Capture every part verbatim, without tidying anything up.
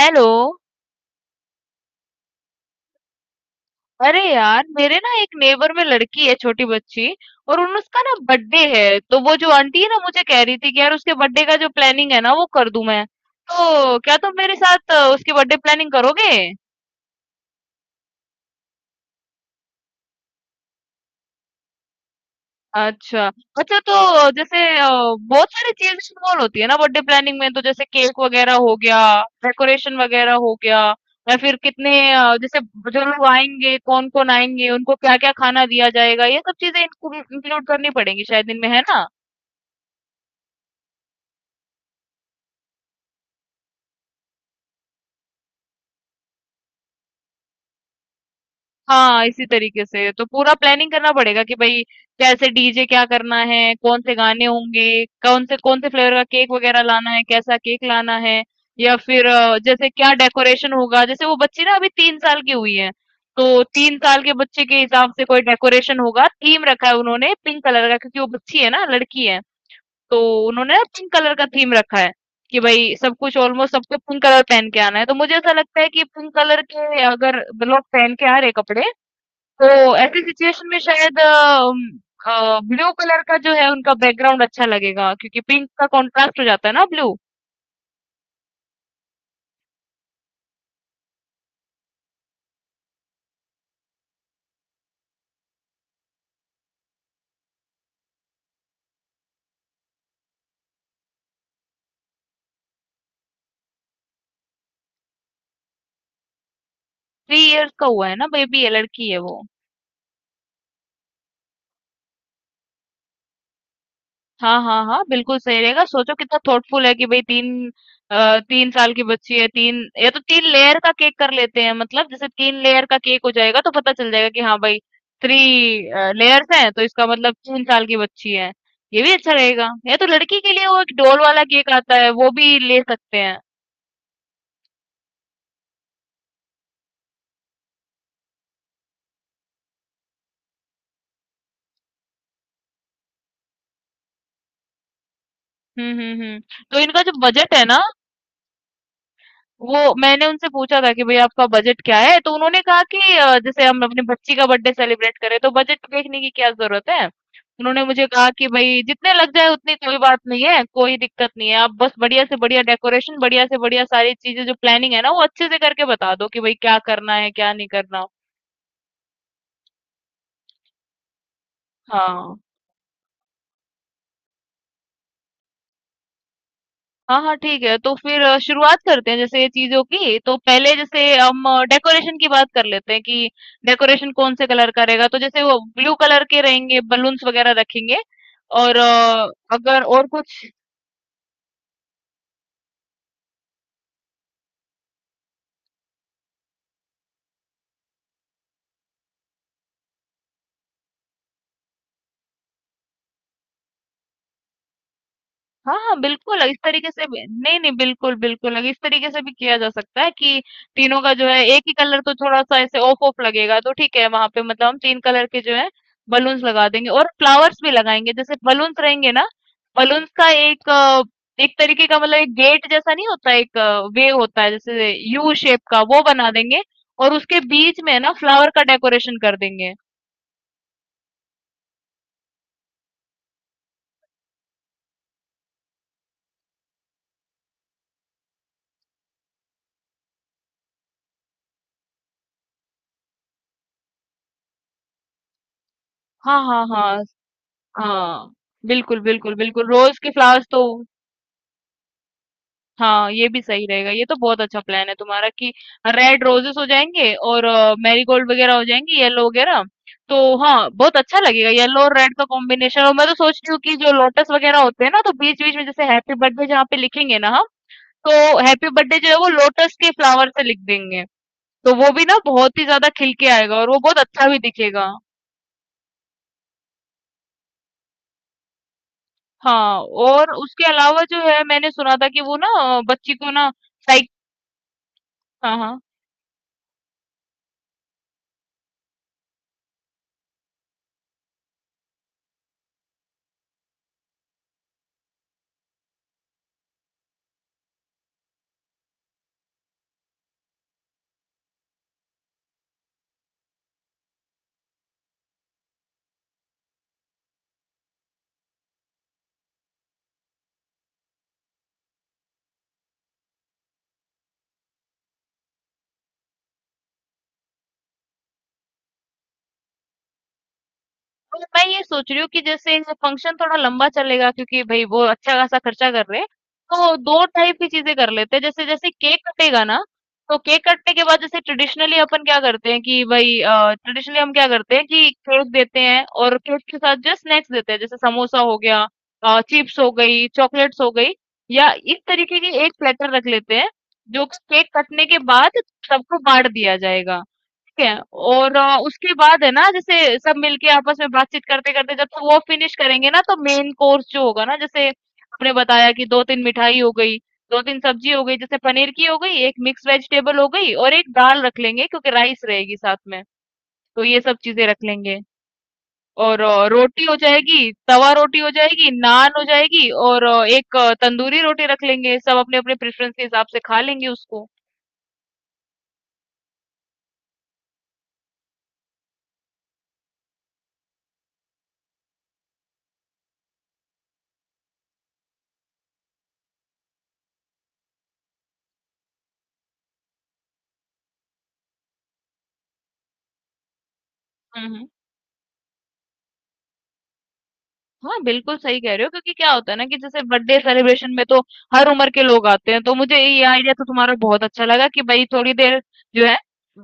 Hello. अरे यार, मेरे ना एक नेबर में लड़की है, छोटी बच्ची। और उन उसका ना बर्थडे है, तो वो जो आंटी है ना, मुझे कह रही थी कि यार उसके बर्थडे का जो प्लानिंग है ना, वो कर दूं मैं। तो क्या तुम मेरे साथ अ, उसकी बर्थडे प्लानिंग करोगे? अच्छा। अच्छा, तो जैसे अ, बहुत सारी चीजें इन्वॉल्व होती है ना बर्थडे प्लानिंग में। तो जैसे केक वगैरह हो गया, डेकोरेशन वगैरह हो गया, या फिर कितने अ, जैसे जो लोग आएंगे, कौन-कौन आएंगे, उनको क्या-क्या खाना दिया जाएगा, ये सब चीजें इंक्लूड करनी पड़ेंगी शायद इनमें, है ना? हाँ, इसी तरीके से तो पूरा प्लानिंग करना पड़ेगा कि भाई कैसे, डीजे क्या करना है, कौन से गाने होंगे, कौन से कौन से फ्लेवर का केक वगैरह लाना है, कैसा केक लाना है, या फिर अ, जैसे क्या डेकोरेशन होगा। जैसे वो बच्ची ना अभी तीन साल की हुई है। तो तीन साल के बच्चे के हिसाब से कोई डेकोरेशन होगा। थीम रखा है उन्होंने पिंक कलर का, क्योंकि वो बच्ची है ना, लड़की है। तो उन्होंने ना पिंक कलर का थीम रखा है कि भाई सब कुछ ऑलमोस्ट, सबको पिंक कलर पहन के आना है। तो मुझे ऐसा लगता है कि पिंक कलर के अगर लोग पहन के आ रहे कपड़े, तो ऐसी सिचुएशन में शायद ब्लू कलर का जो है उनका बैकग्राउंड अच्छा लगेगा, क्योंकि पिंक का कॉन्ट्रास्ट हो जाता है ना ब्लू। थ्री इयर्स का हुआ है ना, बेबी है, लड़की है वो। हाँ हाँ हाँ, बिल्कुल सही रहेगा। सोचो कितना थॉटफुल है कि भाई तीन, अ, तीन साल की बच्ची है, तीन, या तो तीन लेयर का केक कर लेते हैं। मतलब जैसे तीन लेयर का केक हो जाएगा तो पता चल जाएगा कि हाँ भाई, थ्री लेयर्स हैं तो इसका मतलब तीन साल की बच्ची है। ये भी अच्छा रहेगा, या तो लड़की के लिए वो एक डोल वाला केक आता है, वो भी ले सकते हैं। हुँ, हुँ, हुँ। तो इनका जो बजट है ना, वो मैंने उनसे पूछा था कि भई आपका बजट क्या है? तो उन्होंने कहा कि अ, जैसे हम अपनी बच्ची का बर्थडे सेलिब्रेट करें तो बजट देखने की क्या ज़रूरत है? उन्होंने मुझे कहा कि भई जितने लग जाए उतनी, कोई बात नहीं है, कोई दिक्कत नहीं है। आप बस बढ़िया से बढ़िया डेकोरेशन, बढ़िया से बढ़िया सारी चीज़ें जो प्लानिंग है ना, वो अच्छे से करके बता दो कि भई क्या करना है, क्या नहीं करना। हाँ। हाँ, हाँ, ठीक है। तो फिर अ, शुरुआत करते हैं जैसे ये चीज़ों की। तो पहले जैसे हम डेकोरेशन की बात कर लेते हैं कि डेकोरेशन कौन से कलर करेगा। तो जैसे वो ब्लू कलर के रहेंगे, बलून्स वगैरह रखेंगे, और अ, अगर और कुछ। हाँ हाँ बिल्कुल, इस तरीके से भी, नहीं नहीं, बिल्कुल बिल्कुल इस तरीके से भी किया जा सकता है कि तीनों का जो है एक ही कलर तो थोड़ा सा ऐसे ऑफ ऑफ लगेगा, तो ठीक है, वहां पे मतलब हम तीन कलर के जो है बलून्स लगा देंगे और फ्लावर्स भी लगाएंगे। जैसे बलून्स रहेंगे ना, बलून्स का एक अ, एक तरीके का, मतलब एक गेट जैसा नहीं होता, एक वे होता है, जैसे यू शेप का, वो बना देंगे। और उसके बीच में ना फ्लावर का डेकोरेशन कर देंगे। हाँ हाँ हाँ हाँ, बिल्कुल बिल्कुल बिल्कुल, रोज के फ्लावर्स तो, हाँ ये भी सही रहेगा। ये तो बहुत अच्छा प्लान है तुम्हारा कि रेड रोजेस हो जाएंगे, और मैरीगोल्ड वगैरह हो जाएंगी, येलो वगैरह। तो हाँ, बहुत अच्छा लगेगा, येलो और रेड का कॉम्बिनेशन। और मैं तो सोच रही हूँ कि जो लोटस वगैरह होते हैं ना, तो बीच बीच में जैसे हैप्पी बर्थडे जहाँ पे लिखेंगे ना हम, तो हैप्पी बर्थडे जो है वो लोटस के फ्लावर से लिख देंगे। तो वो भी ना बहुत ही ज्यादा खिल के आएगा, और वो बहुत अच्छा भी दिखेगा। हाँ। और उसके अलावा जो है, मैंने सुना था कि वो ना, अ, बच्ची को ना, साइक। हाँ हाँ। और मैं ये सोच रही हूँ कि जैसे फंक्शन थोड़ा लंबा चलेगा, क्योंकि भाई वो अच्छा खासा खर्चा कर रहे हैं। तो दो टाइप की चीजें कर लेते हैं। जैसे जैसे केक कटेगा ना, तो केक कटने के बाद जैसे ट्रेडिशनली अपन क्या करते हैं कि भाई, ट्रेडिशनली हम क्या करते हैं कि केक देते हैं और केक के साथ जो स्नैक्स देते हैं, जैसे समोसा हो गया, चिप्स हो गई, चॉकलेट्स हो गई, या इस तरीके की एक प्लेटर रख लेते हैं, जो कि केक कटने के बाद सबको बांट दिया जाएगा। ठीक है, और अ, उसके बाद है ना, जैसे सब मिलके आपस में बातचीत करते करते, जब तक वो फिनिश करेंगे ना, तो मेन कोर्स जो होगा ना, जैसे आपने बताया कि दो तीन मिठाई हो गई, दो तीन सब्जी हो गई, जैसे पनीर की हो गई, एक मिक्स वेजिटेबल हो गई और एक दाल रख लेंगे, क्योंकि राइस रहेगी साथ में। तो ये सब चीजें रख लेंगे, और अ, रोटी हो जाएगी, तवा रोटी हो जाएगी, नान हो जाएगी और अ, एक अ, तंदूरी रोटी रख लेंगे, सब अपने अपने प्रेफरेंस के हिसाब से खा लेंगे उसको। हम्म हम्म। हाँ, बिल्कुल सही कह रहे हो। क्योंकि क्या होता है ना कि जैसे बर्थडे सेलिब्रेशन में तो हर उम्र के लोग आते हैं। तो मुझे ये आइडिया तो तुम्हारा बहुत अच्छा लगा कि भाई थोड़ी देर जो है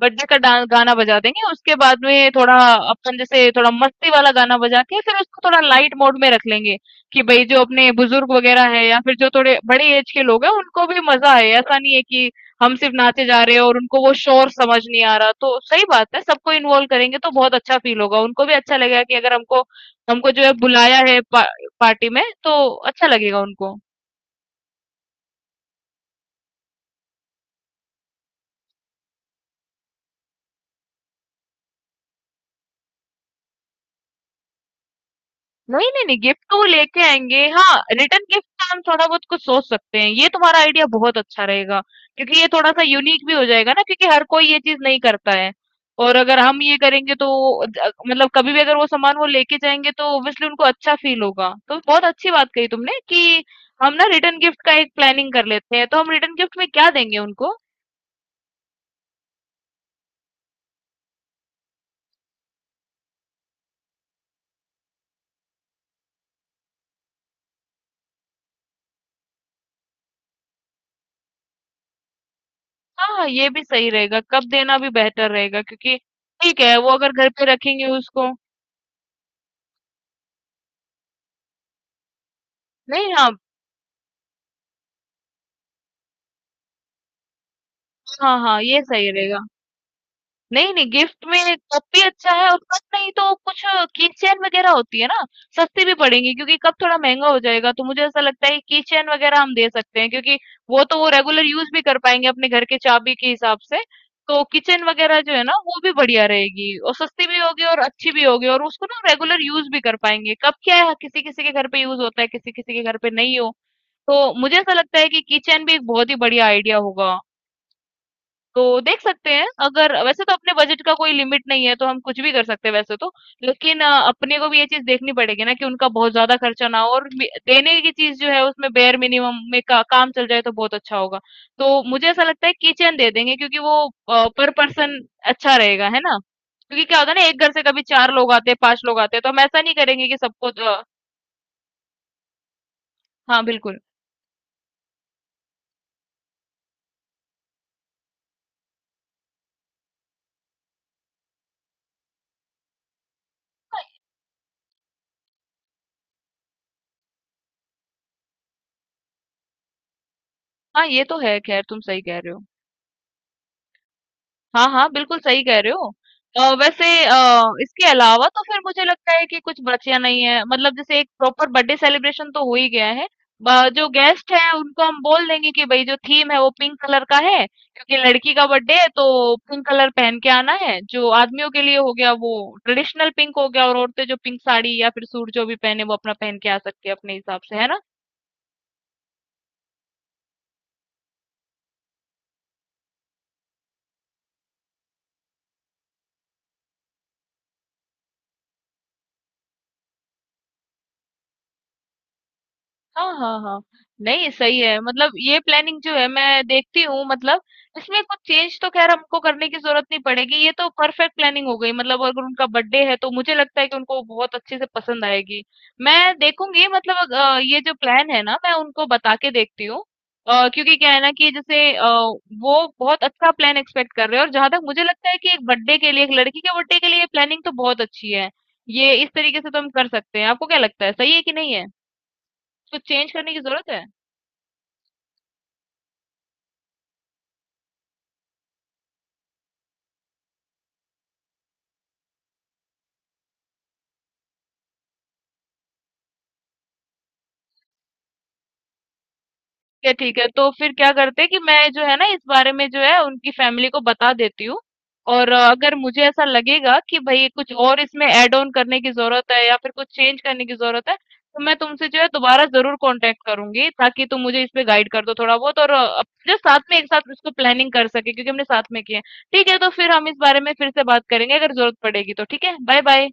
बर्थडे का डां- गाना बजा देंगे, उसके बाद में थोड़ा अपन जैसे थोड़ा मस्ती वाला गाना बजा के फिर उसको थोड़ा लाइट मोड में रख लेंगे कि भाई जो अपने बुजुर्ग वगैरह है, या फिर जो थोड़े बड़ी एज के लोग हैं उनको भी मजा आए। ऐसा नहीं है कि हम सिर्फ नाचे जा रहे हैं और उनको वो शोर समझ नहीं आ रहा। तो सही बात है, सबको इन्वॉल्व करेंगे तो बहुत अच्छा फील होगा, उनको भी अच्छा लगेगा कि अगर हमको हमको जो है बुलाया है पा, पार्टी में, तो अच्छा लगेगा उनको। नहीं, नहीं, नहीं, गिफ्ट तो वो लेके आएँगे। हाँ, रिटर्न गिफ्ट का हम थोड़ा बहुत कुछ सोच सकते हैं। ये तुम्हारा आइडिया बहुत अच्छा रहेगा, क्योंकि ये थोड़ा-सा यूनिक भी हो जाएगा ना, क्योंकि हर कोई ये चीज़ नहीं करता है। और अगर हम ये करेंगे तो ज मतलब कभी भी अगर वो सामान वो लेके जाएँगे तो ऑब्वियसली उनको अच्छा फ़ील होगा। तो बहुत अच्छी बात कही तुमने कि हम ना रिटर्न गिफ्ट का एक प्लानिंग कर लेते हैं। तो हम रिटर्न गिफ्ट में क्या देंगे उनको? हाँ, ये भी सही रहेगा। कब देना भी बेहतर रहेगा, क्योंकि ठीक है, वो अगर घर पे रखेंगे उसको। नहीं, हाँ, हाँ, हाँ, ये सही रहेगा। नहीं नहीं, गिफ्ट में कप भी अच्छा है, और कप नहीं तो कुछ की चेन वगैरह होती है ना, सस्ती भी पड़ेंगी, क्योंकि कप थोड़ा महंगा हो जाएगा। तो मुझे ऐसा लगता है कि की चेन वगैरह हम दे सकते हैं, क्योंकि वो तो वो रेगुलर यूज भी कर पाएंगे अपने घर के चाबी के हिसाब से। तो किचन वगैरह जो है ना, वो भी बढ़िया रहेगी, और सस्ती भी होगी, और अच्छी भी होगी, और उसको ना रेगुलर यूज भी कर पाएंगे। कप क्या है, किसी किसी के घर पे यूज होता है, किसी किसी के घर पे नहीं हो। तो मुझे ऐसा लगता है कि किचन भी एक बहुत ही बढ़िया आइडिया होगा। तो देख सकते हैं, अगर वैसे तो अपने बजट का कोई लिमिट नहीं है तो हम कुछ भी कर सकते हैं वैसे तो। लेकिन अ, अपने को भी ये चीज देखनी पड़ेगी ना कि उनका बहुत ज्यादा खर्चा ना हो, और मे- देने की चीज जो है उसमें बेयर मिनिमम में का, काम चल जाए तो बहुत अच्छा होगा। तो मुझे ऐसा लगता है किचन दे देंगे, क्योंकि वो पर पर्सन अच्छा रहेगा है ना। क्योंकि क्या होता है ना, एक घर से कभी चार लोग आते हैं, पांच लोग आते हैं, तो हम ऐसा नहीं करेंगे कि सबको अ, हाँ बिल्कुल। हाँ, ये तो है, खैर तुम सही कह रहे हो। हाँ, हाँ, बिल्कुल सही कह रहे हो। अ, वैसे अ, इसके अलावा तो फिर मुझे लगता है कि कुछ बचा नहीं है। मतलब जैसे एक प्रॉपर बर्थडे सेलिब्रेशन तो हो ही गया है। ब जो गेस्ट हैं उनको हम बोल देंगे कि भई जो थीम है वो पिंक कलर का है, क्योंकि लड़की का बर्थडे है तो पिंक कलर पहन के आना है। जो आदमियों के लिए हो गया वो ट्रेडिशनल पिंक हो गया, और औरतें जो पिंक साड़ी या फिर सूट जो भी पहने वो अपना पहन के आ सकती है अपने हिसाब से, है ना? हाँ हाँ हाँ। नहीं सही है, मतलब ये प्लानिंग जो है मैं देखती हूँ, मतलब इसमें कुछ चेंज तो खैर हमको करने की जरूरत नहीं पड़ेगी, ये तो परफेक्ट प्लानिंग हो गई। मतलब अगर उनका बर्थडे है तो मुझे लगता है कि उनको बहुत अच्छे से पसंद आएगी। मैं देखूंगी, मतलब अग- अ, ये जो प्लान है ना, मैं उनको बता के देखती हूँ, अ, क्योंकि क्या है ना कि जैसे अ, वो बहुत अच्छा प्लान एक्सपेक्ट कर रहे हैं। और जहां तक मुझे लगता है कि एक बर्थडे के लिए, एक लड़की के बर्थडे के लिए, प्लानिंग तो बहुत अच्छी है। ये इस तरीके से तो हम कर सकते हैं। आपको क्या लगता है, सही है कि नहीं है, तो चेंज करने की जरूरत है? क्या ठीक है, तो फिर क्या करते हैं कि मैं जो है ना इस बारे में जो है उनकी फैमिली को बता देती हूँ, और अ, अगर मुझे ऐसा लगेगा कि भाई कुछ और इसमें ऐड ऑन करने की जरूरत है, या फिर कुछ चेंज करने की जरूरत है, तो मैं तुमसे जो है दोबारा जरूर कांटेक्ट करूंगी, ताकि तुम मुझे इस पे गाइड कर दो थोड़ा बहुत। और अ, जो साथ में एक साथ इसको प्लानिंग कर सके, क्योंकि हमने साथ में किया है। ठीक है, तो फिर हम इस बारे में फिर से बात करेंगे अगर जरूरत पड़ेगी तो। ठीक है, बाय बाय।